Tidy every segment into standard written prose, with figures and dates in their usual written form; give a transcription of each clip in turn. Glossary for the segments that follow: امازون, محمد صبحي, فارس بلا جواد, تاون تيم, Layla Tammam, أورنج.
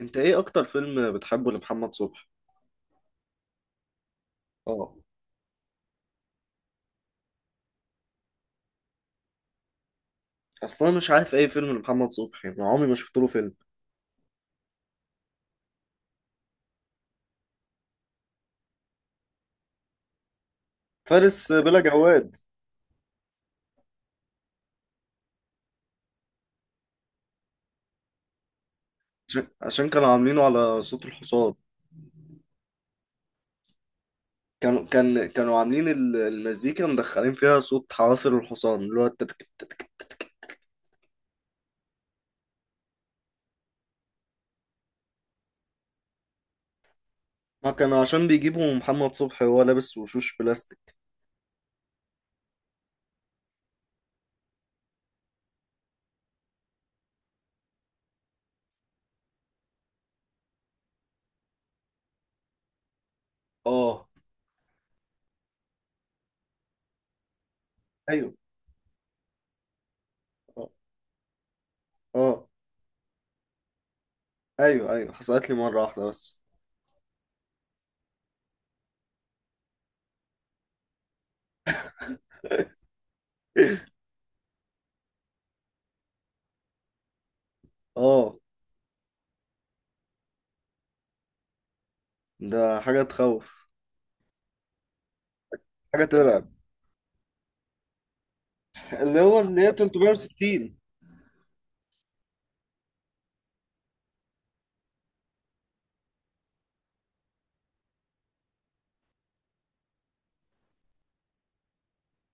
انت ايه اكتر فيلم بتحبه لمحمد صبحي؟ اه. اصلا مش عارف اي فيلم لمحمد صبحي، يعني عمري ما شفت له فيلم. فارس بلا جواد. عشان كانوا عاملينه على صوت الحصان. كانوا عاملين المزيكا، مدخلين فيها صوت حوافر الحصان اللي هو التتك التتك التتك. ما كانوا عشان بيجيبوا محمد صبحي وهو لابس وشوش بلاستيك. اه. ايوه. اه. اه. ايوه، ايوه، حصلت لي مرة واحدة بس. اه. ده حاجة تخوف. حاجة ترعب. اللي هي 360.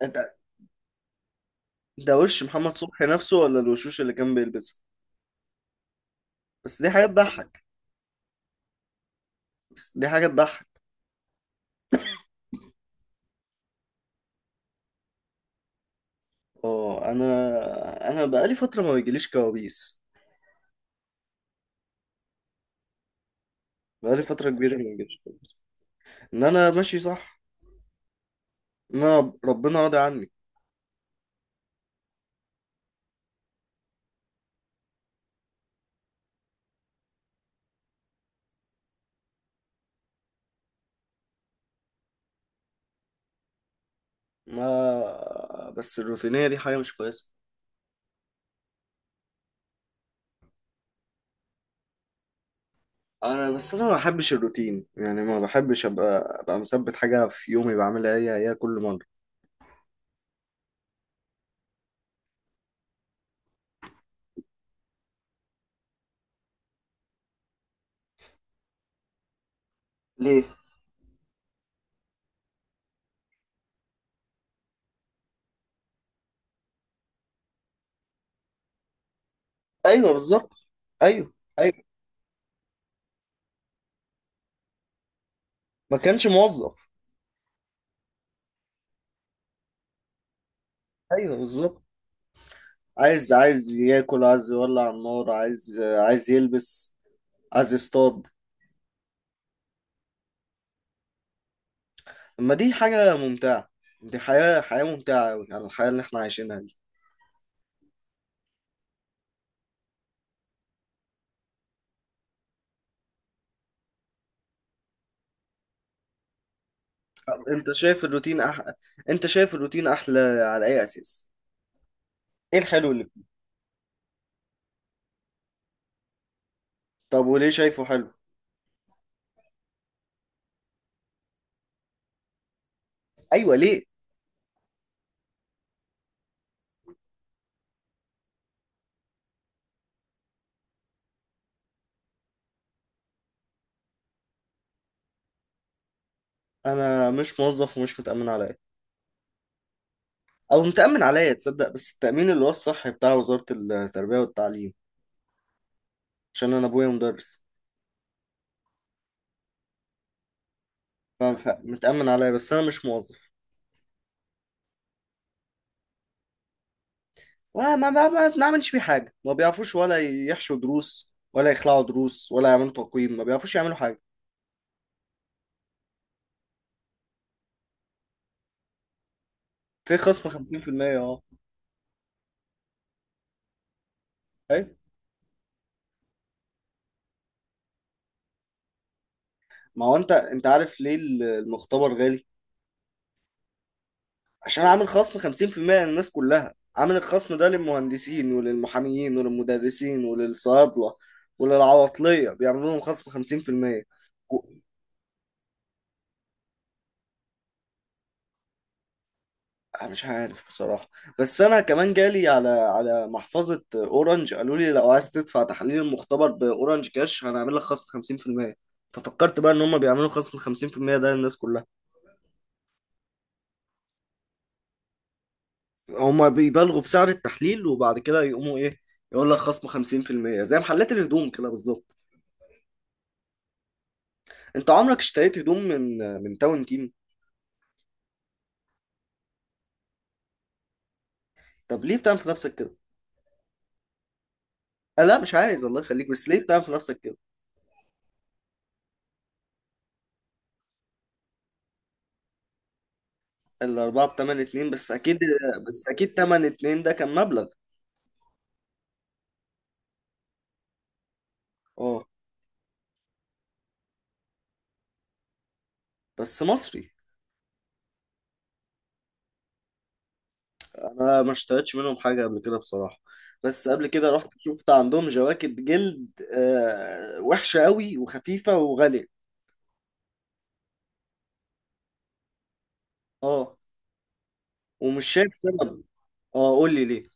انت ده وش محمد صبحي نفسه ولا الوشوش اللي كان بيلبسها؟ بس دي حاجة تضحك. بس دي حاجة تضحك. اه، انا بقالي فترة ما بيجيليش كوابيس. بقالي فترة كبيرة ما بيجيليش كوابيس. ان انا ماشي صح. ان انا ربنا راضي عني. ما بس الروتينية دي حاجة مش كويسة. انا بس انا ما بحبش الروتين، يعني ما بحبش ابقى مثبت حاجة في يومي بعملها هي هي كل مرة. ليه؟ ايوه، بالظبط. ايوه. ايوه. ما كانش موظف. ايوه، بالظبط. عايز ياكل، عايز يولع النار، عايز يلبس، عايز يصطاد. اما دي حاجة ممتعة. دي حياة حياة ممتعة أوي على الحياة اللي احنا عايشينها دي. طب انت شايف الروتين احلى على اي اساس؟ ايه الحلو اللي. طب وليه شايفه حلو؟ ايوه، ليه؟ انا مش موظف ومش متأمن عليا. او متأمن عليا، تصدق، بس التأمين اللي هو الصحي بتاع وزارة التربية والتعليم. عشان انا ابويا مدرس. فمتأمن عليا بس انا مش موظف. ما بنعملش بيه حاجة، ما بيعرفوش ولا يحشوا دروس ولا يخلعوا دروس ولا يعملوا تقويم، ما بيعرفوش يعملوا حاجة. في خصم 50%. اه. اي. ما هو انت عارف ليه المختبر غالي؟ عشان عامل خصم 50% للناس كلها. عامل الخصم ده للمهندسين وللمحاميين وللمدرسين وللصيادلة وللعواطلية، بيعملوا لهم خصم 50%. أنا مش عارف بصراحة. بس أنا كمان جالي على محفظة أورنج، قالوا لي لو عايز تدفع تحليل المختبر بأورنج كاش هنعمل لك خصم 50%. ففكرت بقى إن هما بيعملوا خصم 50% ده للناس كلها. هما بيبالغوا في سعر التحليل وبعد كده يقوموا إيه؟ يقول لك خصم 50% زي محلات الهدوم كده بالظبط. أنت عمرك اشتريت هدوم من تاون تيم؟ طب ليه بتعمل في نفسك كده؟ آه، لا مش عايز الله يخليك، بس ليه بتعمل في نفسك كده؟ الأربعة بتمن اتنين بس أكيد. بس أكيد تمن اتنين ده كان مبلغ. اه. بس مصري. انا ما اشتريتش منهم حاجه قبل كده بصراحه. بس قبل كده رحت شفت عندهم جواكت جلد وحشه قوي وخفيفه وغاليه. اه، ومش شايف سبب. اه، قول لي ليه.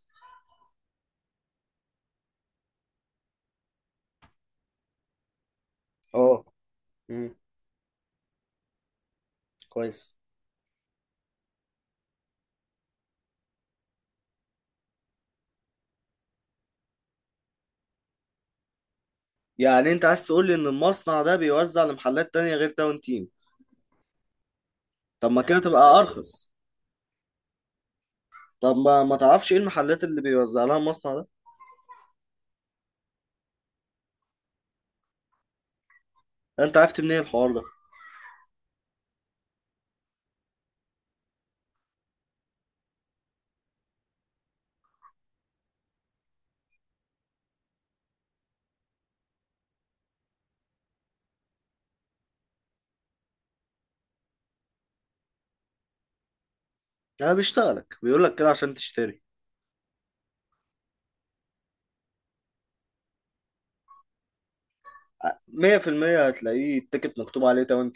اه. امم. كويس. يعني انت عايز تقول لي ان المصنع ده بيوزع لمحلات تانية غير تاون تيم؟ طب ما كده تبقى ارخص؟ طب ما تعرفش ايه المحلات اللي بيوزع لها المصنع ده؟ انت عرفت منين الحوار ده؟ انا بيشتغلك بيقول لك كده عشان تشتري. 100% هتلاقيه التيكت مكتوب عليه تاون.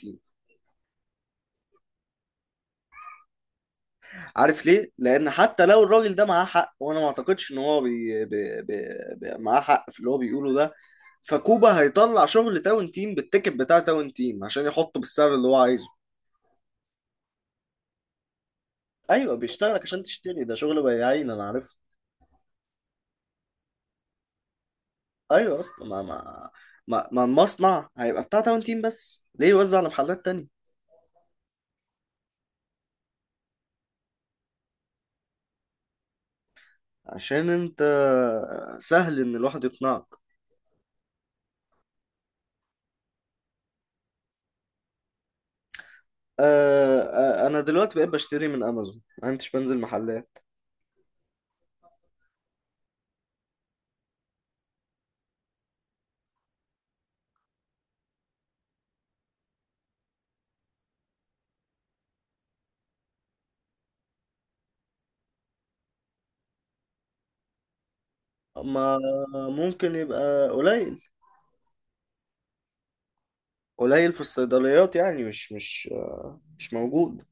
عارف ليه؟ لأن حتى لو الراجل ده معاه حق، وأنا ما أعتقدش إن هو معاه حق في اللي هو بيقوله ده. فكوبا هيطلع شغل تاون تيم بالتيكت بتاع تاون تيم عشان يحطه بالسعر اللي هو عايزه. ايوه، بيشتغلك عشان تشتري، ده شغل بياعين انا عارفه. ايوه يا اسطى، ما المصنع هيبقى بتاع تاون تيم بس ليه يوزع على محلات تانية؟ عشان انت، سهل ان الواحد يقنعك. آه. آه، انا دلوقتي بقيت بشتري من امازون ما انتش بنزل محلات. ما ممكن يبقى قليل. قليل في الصيدليات، يعني مش موجود.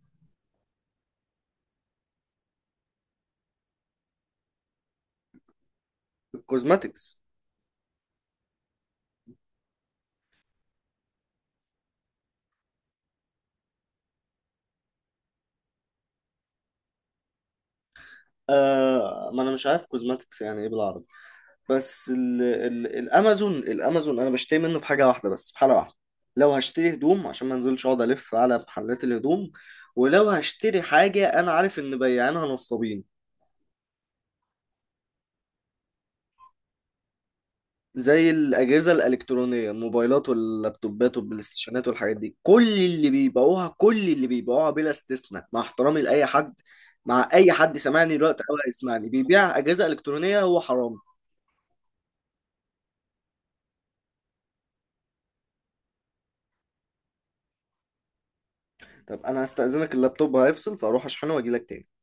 الكوزماتكس. آه. ما انا مش عارف كوزماتكس يعني ايه بالعربي. بس ال الامازون انا بشتري منه في حاجه واحده بس في حاله واحده. لو هشتري هدوم عشان ما انزلش اقعد الف على محلات الهدوم. ولو هشتري حاجه انا عارف ان بياعينها نصابين، زي الأجهزة الإلكترونية، الموبايلات واللابتوبات والبلايستيشنات والحاجات دي، كل اللي بيبيعوها، كل اللي بيبيعوها بلا استثناء، مع احترامي لأي حد. مع أي حد سامعني دلوقتي أو هيسمعني بيبيع أجهزة إلكترونية هو حرام. طب أنا هستأذنك، اللابتوب هيفصل فأروح أشحنه وأجيلك تاني.